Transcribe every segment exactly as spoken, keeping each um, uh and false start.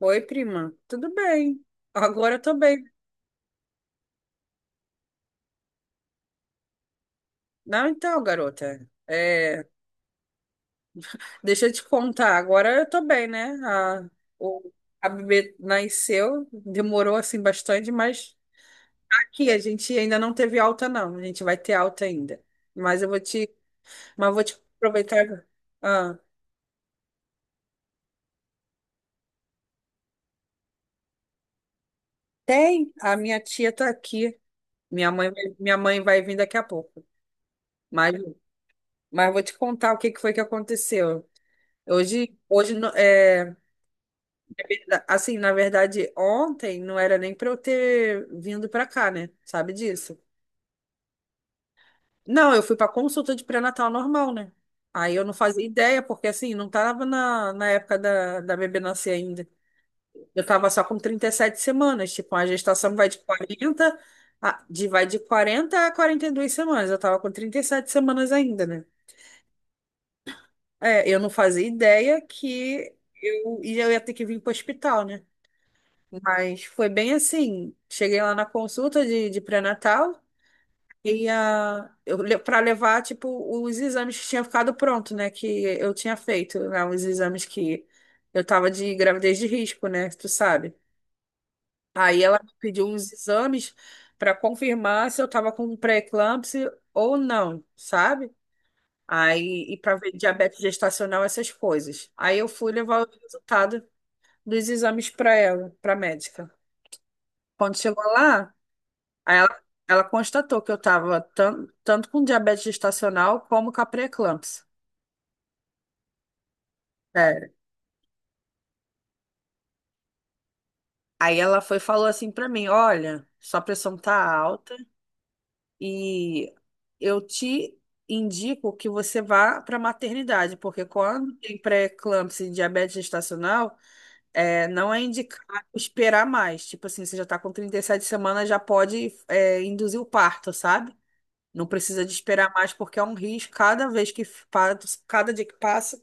Oi, prima. Tudo bem? Agora eu tô bem. Não, então, garota. É, deixa eu te contar. Agora eu tô bem, né? A, o, a bebê nasceu, demorou assim bastante, mas aqui a gente ainda não teve alta, não. A gente vai ter alta ainda. Mas eu vou te, mas vou te aproveitar. Ah, tem? A minha tia tá aqui. Minha mãe, vai- minha mãe vai vir daqui a pouco. Mas, mas vou te contar o que que foi que aconteceu. Hoje, hoje, no- é. Assim, na verdade, ontem não era nem para eu ter vindo para cá, né? Sabe disso? Não, eu fui para consulta de pré-natal normal, né? Aí eu não fazia ideia, porque assim, não tava na, na época da, da bebê nascer ainda. Eu tava só com trinta e sete semanas, tipo, a gestação vai de quarenta a, de, vai de quarenta a quarenta e duas semanas. Eu tava com trinta e sete semanas ainda, né? É, eu não fazia ideia que eu, e eu ia ter que vir para o hospital, né? Mas foi bem assim. Cheguei lá na consulta de, de pré-natal e a, eu para levar tipo os exames que tinha ficado pronto, né? Que eu tinha feito, né? Os exames que eu tava de gravidez de risco, né? Tu sabe. Aí ela me pediu uns exames para confirmar se eu tava com pré-eclâmpsia ou não, sabe? Aí e para ver diabetes gestacional, essas coisas. Aí eu fui levar o resultado dos exames para ela, para médica. Quando chegou lá. Aí ela, ela constatou que eu estava tanto, tanto com diabetes gestacional como com a pré-eclâmpsia. É. Aí ela foi e falou assim para mim: olha, sua pressão tá alta e eu te indico que você vá para maternidade, porque quando tem pré-eclâmpsia e diabetes gestacional, é, não é indicado esperar mais. Tipo assim, você já tá com trinta e sete semanas, já pode, é, induzir o parto, sabe? Não precisa de esperar mais, porque é um risco. Cada vez que pa- cada dia que passa,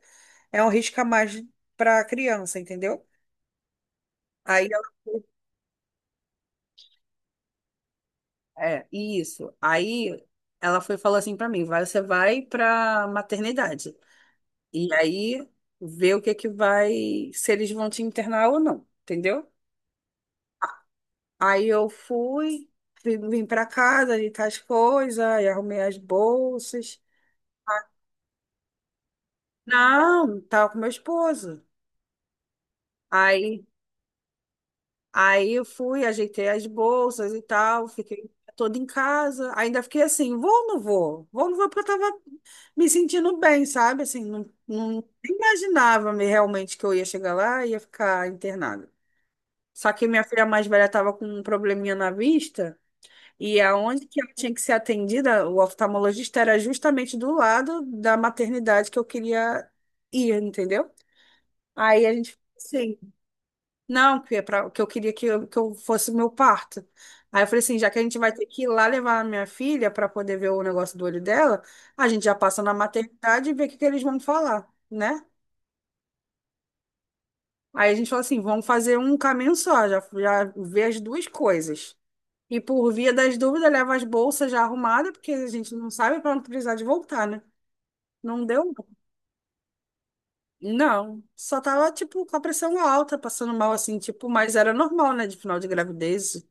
é um risco a mais para a criança, entendeu? Aí, eu- é, isso. Aí ela foi e falou assim para mim: vai, você vai para maternidade. E aí vê o que que vai, se eles vão te internar ou não, entendeu? Aí eu fui, vim vim pra casa, ajeitar as coisas, aí arrumei as bolsas. Não, tava com meu esposo. Aí Aí eu fui, ajeitei as bolsas e tal, fiquei toda em casa. Ainda fiquei assim, vou ou não vou? Vou ou não vou? Porque eu tava me sentindo bem, sabe? Assim, não, não imaginava me realmente que eu ia chegar lá e ia ficar internada. Só que minha filha mais velha estava com um probleminha na vista e aonde que ela tinha que ser atendida, o oftalmologista era justamente do lado da maternidade que eu queria ir, entendeu? Aí a gente, sim, não, que, é pra, que eu queria que eu, que eu fosse o meu parto. Aí eu falei assim, já que a gente vai ter que ir lá levar a minha filha para poder ver o negócio do olho dela, a gente já passa na maternidade e vê o que, que eles vão falar, né? Aí a gente falou assim, vamos fazer um caminho só, já, já ver as duas coisas. E por via das dúvidas, leva as bolsas já arrumadas, porque a gente não sabe para não precisar de voltar, né? Não deu? Não. Só tava, tipo, com a pressão alta, passando mal assim, tipo, mas era normal, né? De final de gravidez.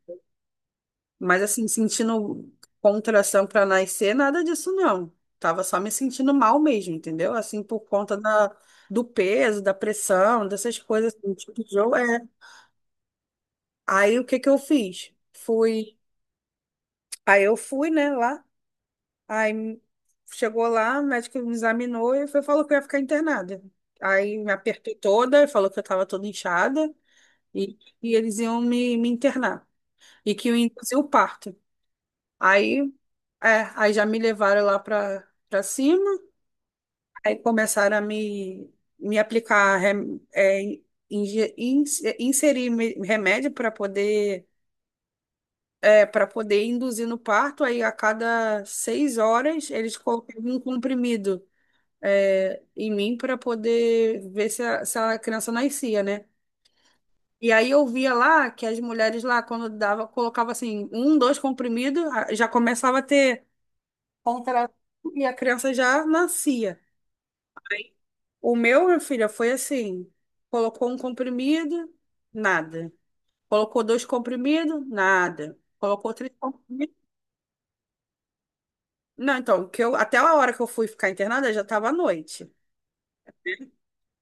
Mas assim, sentindo contração para nascer, nada disso não. Tava só me sentindo mal mesmo, entendeu? Assim, por conta da, do peso, da pressão, dessas coisas, assim, tipo de jogo. É. Aí o que que eu fiz? Fui. Aí eu fui, né, lá. Aí chegou lá, o médico me examinou e foi, falou que eu ia ficar internada. Aí me apertou toda, falou que eu estava toda inchada e, e eles iam me, me internar. E que eu ia induzir o parto. Aí É, aí já me levaram lá para para cima, aí começaram a me, me aplicar, rem- é, inje- inse- inserir me- remédio para poder, é, para poder induzir no parto, aí a cada seis horas eles colocavam um comprimido, é, em mim para poder ver se a, se a criança nascia, né? E aí eu via lá que as mulheres lá, quando dava, colocava assim, um, dois comprimidos, a- já começava a ter contração e a criança já nascia. O meu, minha filha, foi assim: colocou um comprimido, nada. Colocou dois comprimidos, nada. Colocou três comprimidos. Não, então, que eu, até a hora que eu fui ficar internada já estava à noite.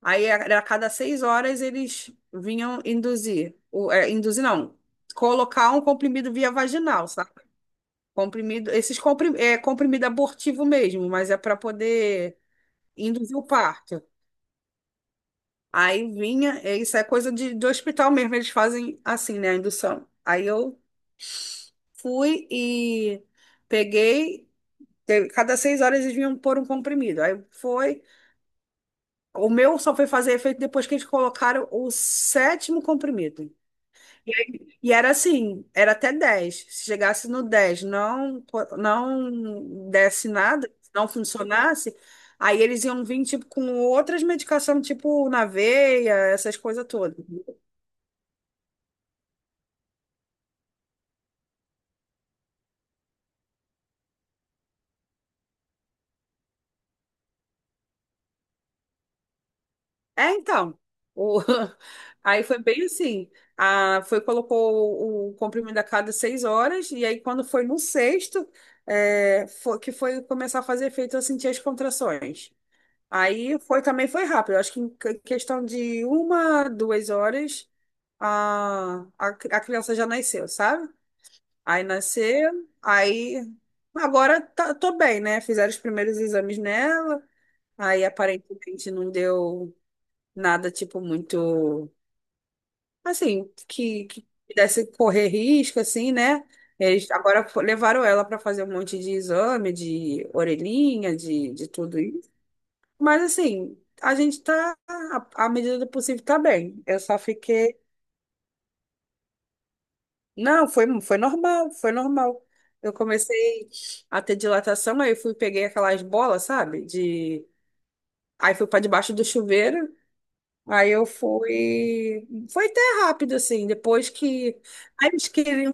Aí era a cada seis horas eles vinham induzir. O, é, induzir não. Colocar um comprimido via vaginal, sabe? Comprimido, esses comprim, é comprimido abortivo mesmo, mas é para poder induzir o parto. Aí vinha, é, isso é coisa de, de hospital mesmo, eles fazem assim, né, a indução. Aí eu fui e peguei, teve- cada seis horas eles vinham pôr um comprimido. Aí foi, o meu só foi fazer efeito depois que eles colocaram o sétimo comprimido. E, aí- e era assim, era até dez. Se chegasse no dez, não, co- não desse nada, não funcionasse, aí eles iam vir tipo, com outras medicações, tipo na veia, essas coisas todas. É, então. O- Aí foi bem assim. A... Foi, colocou o comprimido a cada seis horas, e aí quando foi no sexto, é, foi- que foi começar a fazer efeito, eu senti as contrações. Aí foi também foi rápido. Eu Acho que em que- questão de uma, duas horas, a, a, cri- a criança já nasceu, sabe? Aí nasceu, aí agora tá, tô bem, né? Fizeram os primeiros exames nela, aí aparentemente não deu. Nada, tipo, muito, assim, que, que pudesse correr risco, assim, né? Eles agora fo- levaram ela para fazer um monte de exame, de orelhinha, de, de tudo isso. Mas, assim, a gente tá, à à medida do possível, tá bem. Eu só fiquei. Não, foi, foi normal, foi normal. Eu comecei a ter dilatação, aí fui, peguei aquelas bolas, sabe? De... Aí fui para debaixo do chuveiro. Aí eu fui. Foi até rápido, assim. Depois que. Aí eles queriam.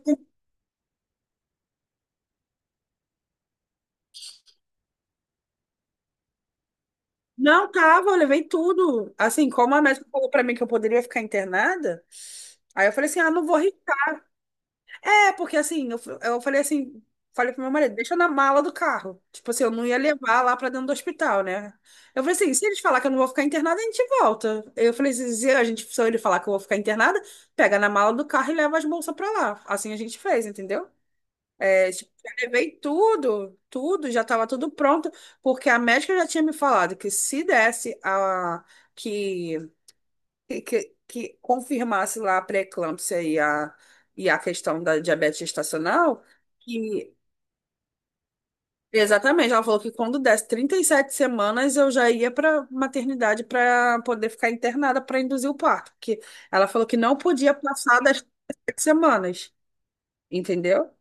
Não, tava, eu levei tudo. Assim, como a médica falou pra mim que eu poderia ficar internada, aí eu falei assim: ah, não vou é porque assim, eu, f- eu falei assim. Falei pro meu marido, deixa na mala do carro. Tipo assim, eu não ia levar lá pra dentro do hospital, né? Eu falei assim, se eles falar que eu não vou ficar internada, a gente volta. Eu falei assim, se a gente, se ele falar que eu vou ficar internada, pega na mala do carro e leva as bolsas pra lá. Assim a gente fez, entendeu? Tipo, já levei tudo, tudo, já estava tudo pronto, porque a médica já tinha me falado que se desse a que que, que confirmasse lá a pré-eclâmpsia e a e a questão da diabetes gestacional, que exatamente, ela falou que quando desse trinta e sete semanas eu já ia para maternidade para poder ficar internada para induzir o parto, porque ela falou que não podia passar das trinta e sete semanas, entendeu?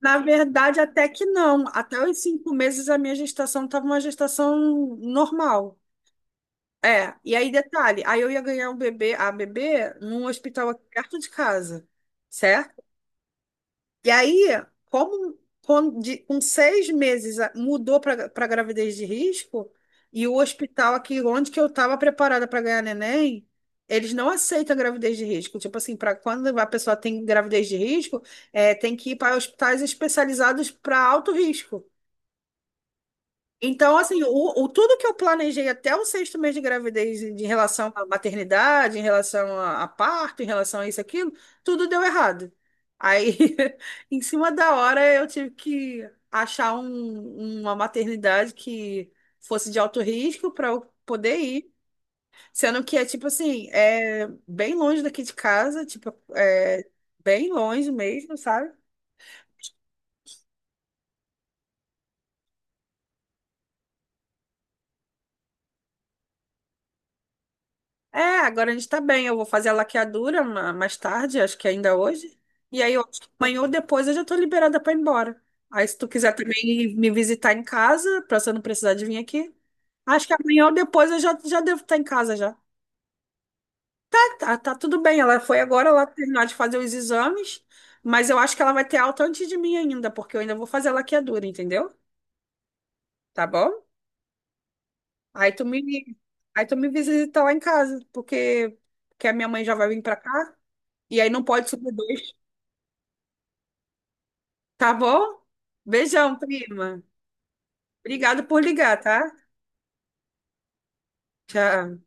Na verdade, até que não. Até os cinco meses a minha gestação estava uma gestação normal. É, e aí detalhe, aí eu ia ganhar um bebê, a bebê, num hospital aqui perto de casa, certo? E aí, como com, de- com seis meses a- mudou para gravidez de risco, e o hospital aqui onde que eu estava preparada para ganhar neném, eles não aceitam gravidez de risco. Tipo assim, para quando a pessoa tem gravidez de risco, é, tem que ir para hospitais especializados para alto risco. Então, assim, o, o- tudo que eu planejei até o sexto mês de gravidez, em relação à maternidade, em relação a, a, parto, em relação a isso, aquilo, tudo deu errado. Aí, em cima da hora, eu tive que achar um- uma maternidade que fosse de alto risco para eu poder ir. Sendo que é, tipo assim, é bem longe daqui de casa, tipo, é bem longe mesmo, sabe? É, agora a gente tá bem. Eu vou fazer a laqueadura ma- mais tarde, acho que ainda hoje. E aí, eu acho que amanhã ou depois eu já tô liberada pra ir embora. Aí, se tu quiser também me visitar em casa, pra você não precisar de vir aqui. Acho que amanhã ou depois eu já, já devo estar em casa já. Tá, tá tudo bem. Ela foi agora lá terminar de fazer os exames, mas eu acho que ela vai ter alta antes de mim ainda, porque eu ainda vou fazer a laqueadura, entendeu? Tá bom? Aí tu me, aí tu me visita lá em casa, porque, porque a minha mãe já vai vir pra cá. E aí não pode subir dois. Tá bom? Beijão, prima. Obrigada por ligar, tá? Tchau.